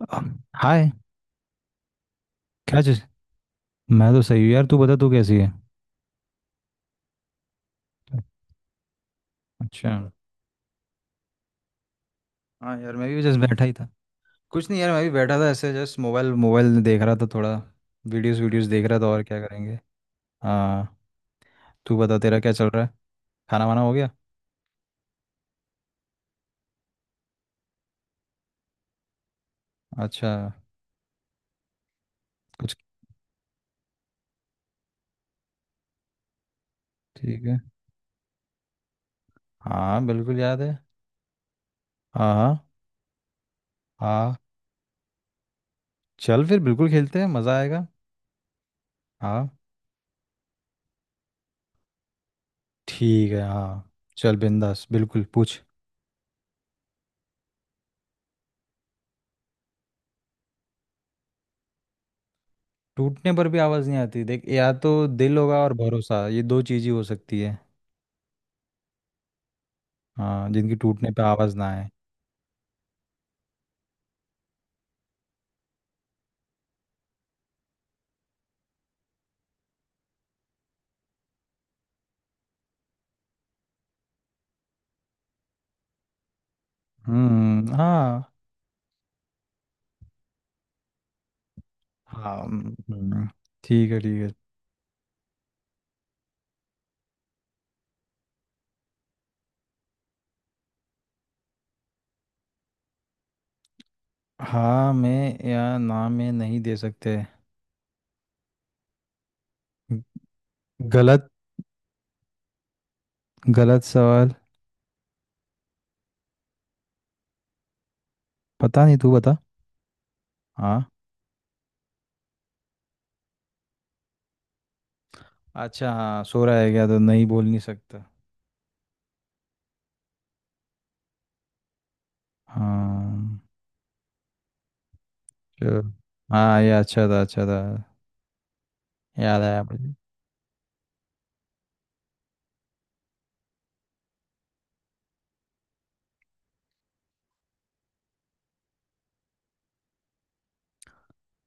अ, hi. क्या चीज। मैं तो सही हूँ यार, तू बता, तू कैसी है। अच्छा। हाँ यार, मैं भी जस्ट बैठा ही था। कुछ नहीं यार, मैं भी बैठा था ऐसे जस्ट मोबाइल मोबाइल देख रहा था थोड़ा। वीडियोस वीडियोस देख रहा था, और क्या करेंगे। हाँ। तू बता तेरा क्या चल रहा है। खाना वाना हो गया। अच्छा। कुछ। ठीक है। हाँ बिल्कुल याद है। हाँ हाँ। हाँ। चल फिर बिल्कुल खेलते हैं, मज़ा आएगा। हाँ। ठीक है हाँ। चल बिंदास बिल्कुल पूछ। टूटने पर भी आवाज़ नहीं आती, देख, या तो दिल होगा और भरोसा, ये दो चीज़ ही हो सकती है। हाँ जिनकी टूटने पे आवाज़ ना आए। हाँ। हाँ ठीक है ठीक है। हाँ में या ना में नहीं दे सकते। ग- गलत। गलत सवाल। पता नहीं, तू बता। हाँ। अच्छा हाँ, सो रहा है क्या, तो नहीं बोल नहीं सकता। हाँ। चलो। हाँ ये अच्छा था, अच्छा था। याद आया मुझे।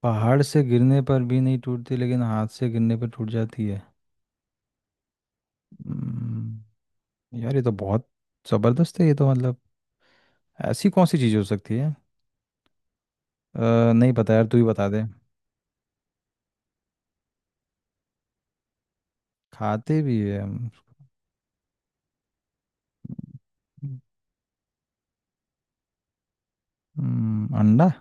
पहाड़ से गिरने पर भी नहीं टूटती लेकिन हाथ से गिरने पर टूट जाती है। हम्म, यार ये तो बहुत ज़बरदस्त है, ये तो मतलब ऐसी कौन सी चीज़ हो सकती है। नहीं पता यार, तू ही बता दे। खाते भी है हम। अंडा।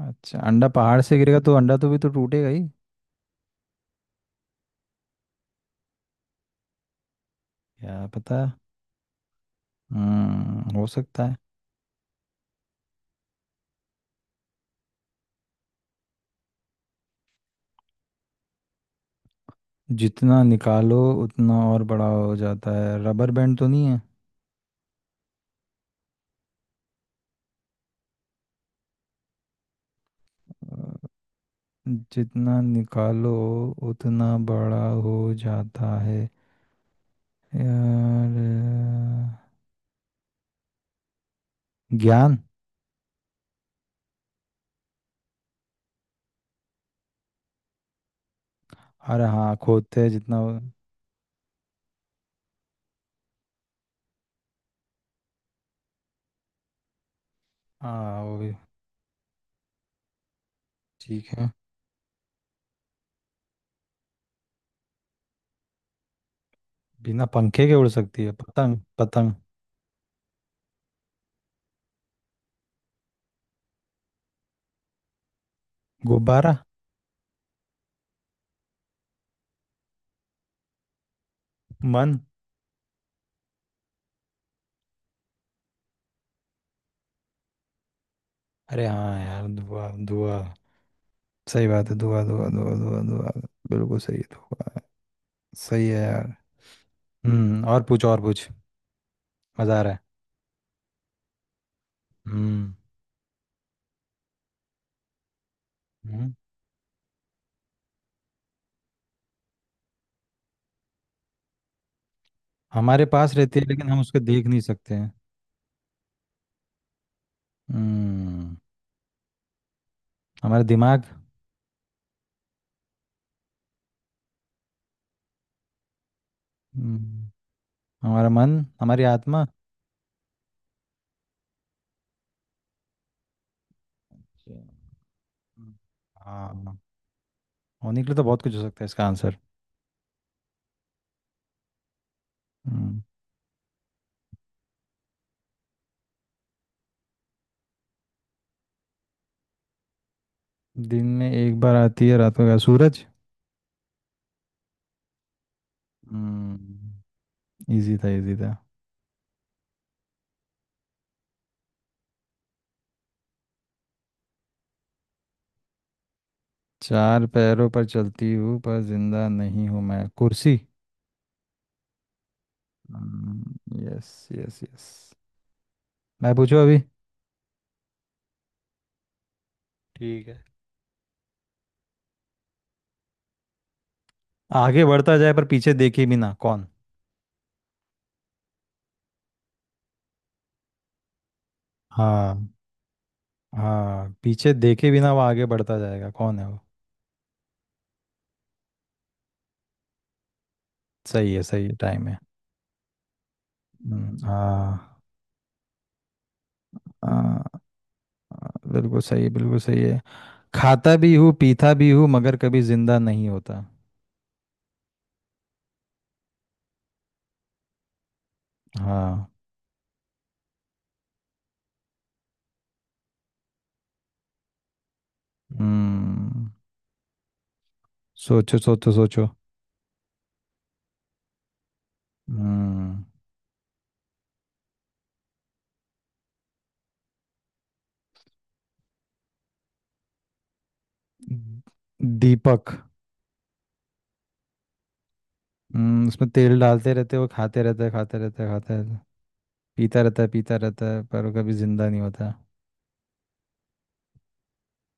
अच्छा अंडा पहाड़ से गिरेगा तो अंडा तो भी तो टूटेगा ही। क्या पता। हम्म, हो सकता है। जितना निकालो उतना और बड़ा हो जाता है, रबर बैंड तो नहीं है। अ, जितना निकालो उतना बड़ा हो जाता है। यार, ज्ञान। अरे हाँ खोदते हैं, हाँ वो भी। ठीक है। बिना पंखे के उड़ सकती है, पतंग पतंग। गुब्बारा। मन। अरे हाँ यार, धुआ धुआ। सही बात है, धुआ धुआ धुआ धुआ धुआ। बिल्कुल सही है धुआ। सही है यार। हम्म, और पूछ, और पूछ। मजा आ रहा है। हम्म। हम्म, हमारे पास रहती है लेकिन हम उसको देख नहीं सकते हैं। हम्म, हमारा दिमाग। हम्म, हमारा मन, हमारी आत्मा। हम्म, हाँ। होने के लिए तो बहुत कुछ हो सकता है इसका आंसर। हम्म। दिन में एक बार आती है रात को, क्या सूरज। हम्म। इजी था, इजी था। चार पैरों पर चलती हूँ पर जिंदा नहीं हूँ मैं, कुर्सी। Yes yes yes. मैं पूछूं अभी। ठीक है। आगे बढ़ता जाए पर पीछे देखे बिना, कौन। हाँ। हाँ पीछे देखे बिना वो आगे बढ़ता जाएगा, कौन है वो। सही है सही है, टाइम है। हाँ। हाँ, हाँ, बिल्कुल सही है, बिल्कुल सही है। खाता भी हूँ पीता भी हूँ मगर कभी जिंदा नहीं होता। हाँ। हम्म, सोचो सोचो सोचो। हम्म। दीपक। उसमें तेल डालते रहते हैं, वो खाते रहता है, खाते रहता है, खाते रहता है, पीता रहता है, पीता रहता है, पर वो कभी जिंदा नहीं होता।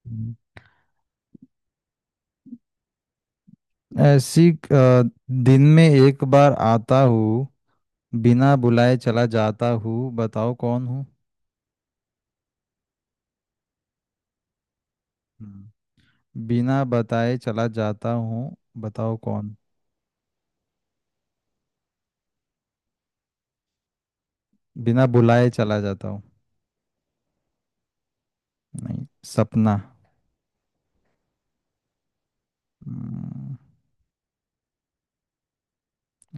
हम्म। ऐसी अ, दिन में एक बार आता हूँ, बिना बुलाए चला जाता हूँ, बताओ कौन हूँ। हम्म। बिना बताए चला जाता हूँ, बताओ कौन। बिना बुलाए चला जाता हूँ। नहीं, सपना। हम्म,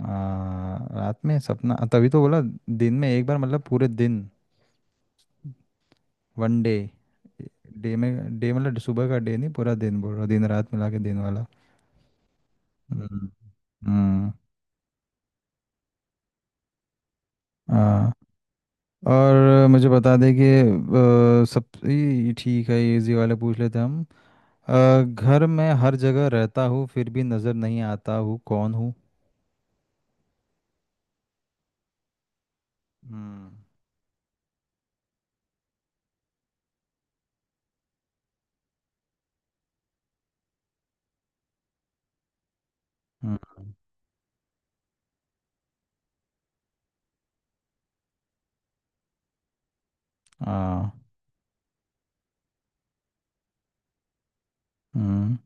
आ, रात में सपना तभी तो बोला। दिन में एक बार मतलब पूरे दिन, वन डे। डे में, डे मतलब सुबह का डे नहीं, पूरा दिन बोल रहा, दिन रात मिला के दिन वाला। हम्म। हम्म, हाँ। और मुझे बता दे कि अ, सब ये ठीक है, इजी वाले पूछ लेते हैं हम। घर में हर जगह रहता हूँ फिर भी नज़र नहीं आता हूँ, कौन हूँ। हम्म। हम्म, हाँ। हम्म।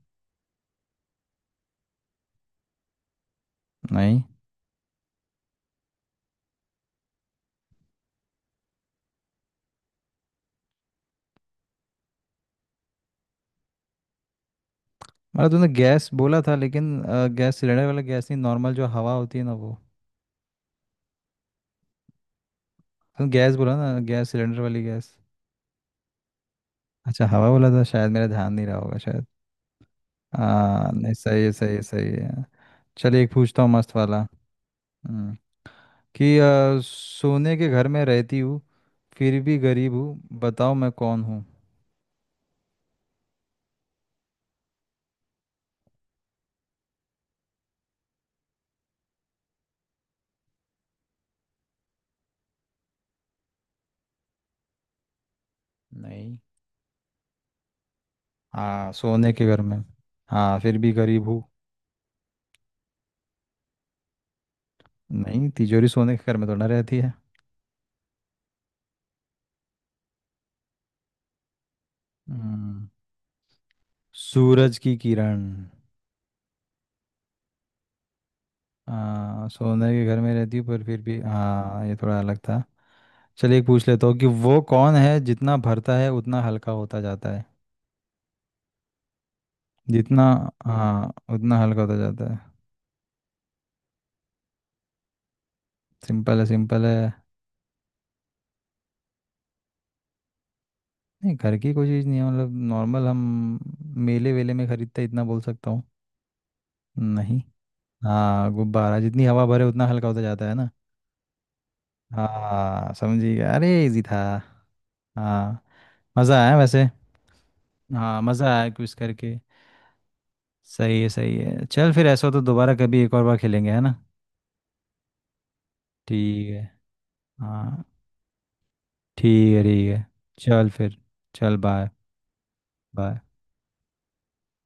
नहीं मतलब तूने गैस बोला था लेकिन गैस सिलेंडर वाला गैस नहीं, नॉर्मल जो हवा होती है ना वो। तूने गैस बोला ना, गैस सिलेंडर वाली गैस। अच्छा हवा बोला था, शायद मेरा ध्यान नहीं रहा होगा शायद। हाँ नहीं, सही है सही है सही है। चलिए एक पूछता हूँ मस्त वाला। हम्म, कि सोने के घर में रहती हूँ फिर भी गरीब हूँ, बताओ मैं कौन हूँ। नहीं। हाँ सोने के घर में, हाँ फिर भी गरीब हूँ। नहीं तिजोरी सोने के घर में तो ना रहती है। हम्म, सूरज की किरण। हाँ सोने के घर में रहती हूँ पर फिर भी, हाँ ये थोड़ा अलग था। चलिए एक पूछ लेता हूँ कि वो कौन है जितना भरता है उतना हल्का होता जाता है। जितना, हाँ उतना हल्का होता जाता है। सिंपल है सिंपल है। नहीं घर की कोई चीज़ नहीं है, मतलब नॉर्मल हम मेले वेले में खरीदते हैं, इतना बोल सकता हूँ। नहीं। हाँ गुब्बारा, जितनी हवा भरे उतना हल्का होता जाता है ना। हाँ समझिए, अरे इजी था। हाँ मज़ा आया वैसे। हाँ मज़ा आया क्विज करके। सही है सही है, चल फिर ऐसा हो तो दोबारा कभी एक और बार खेलेंगे, है ना। ठीक है। हाँ ठीक है ठीक है। चल फिर। चल बाय। बाय।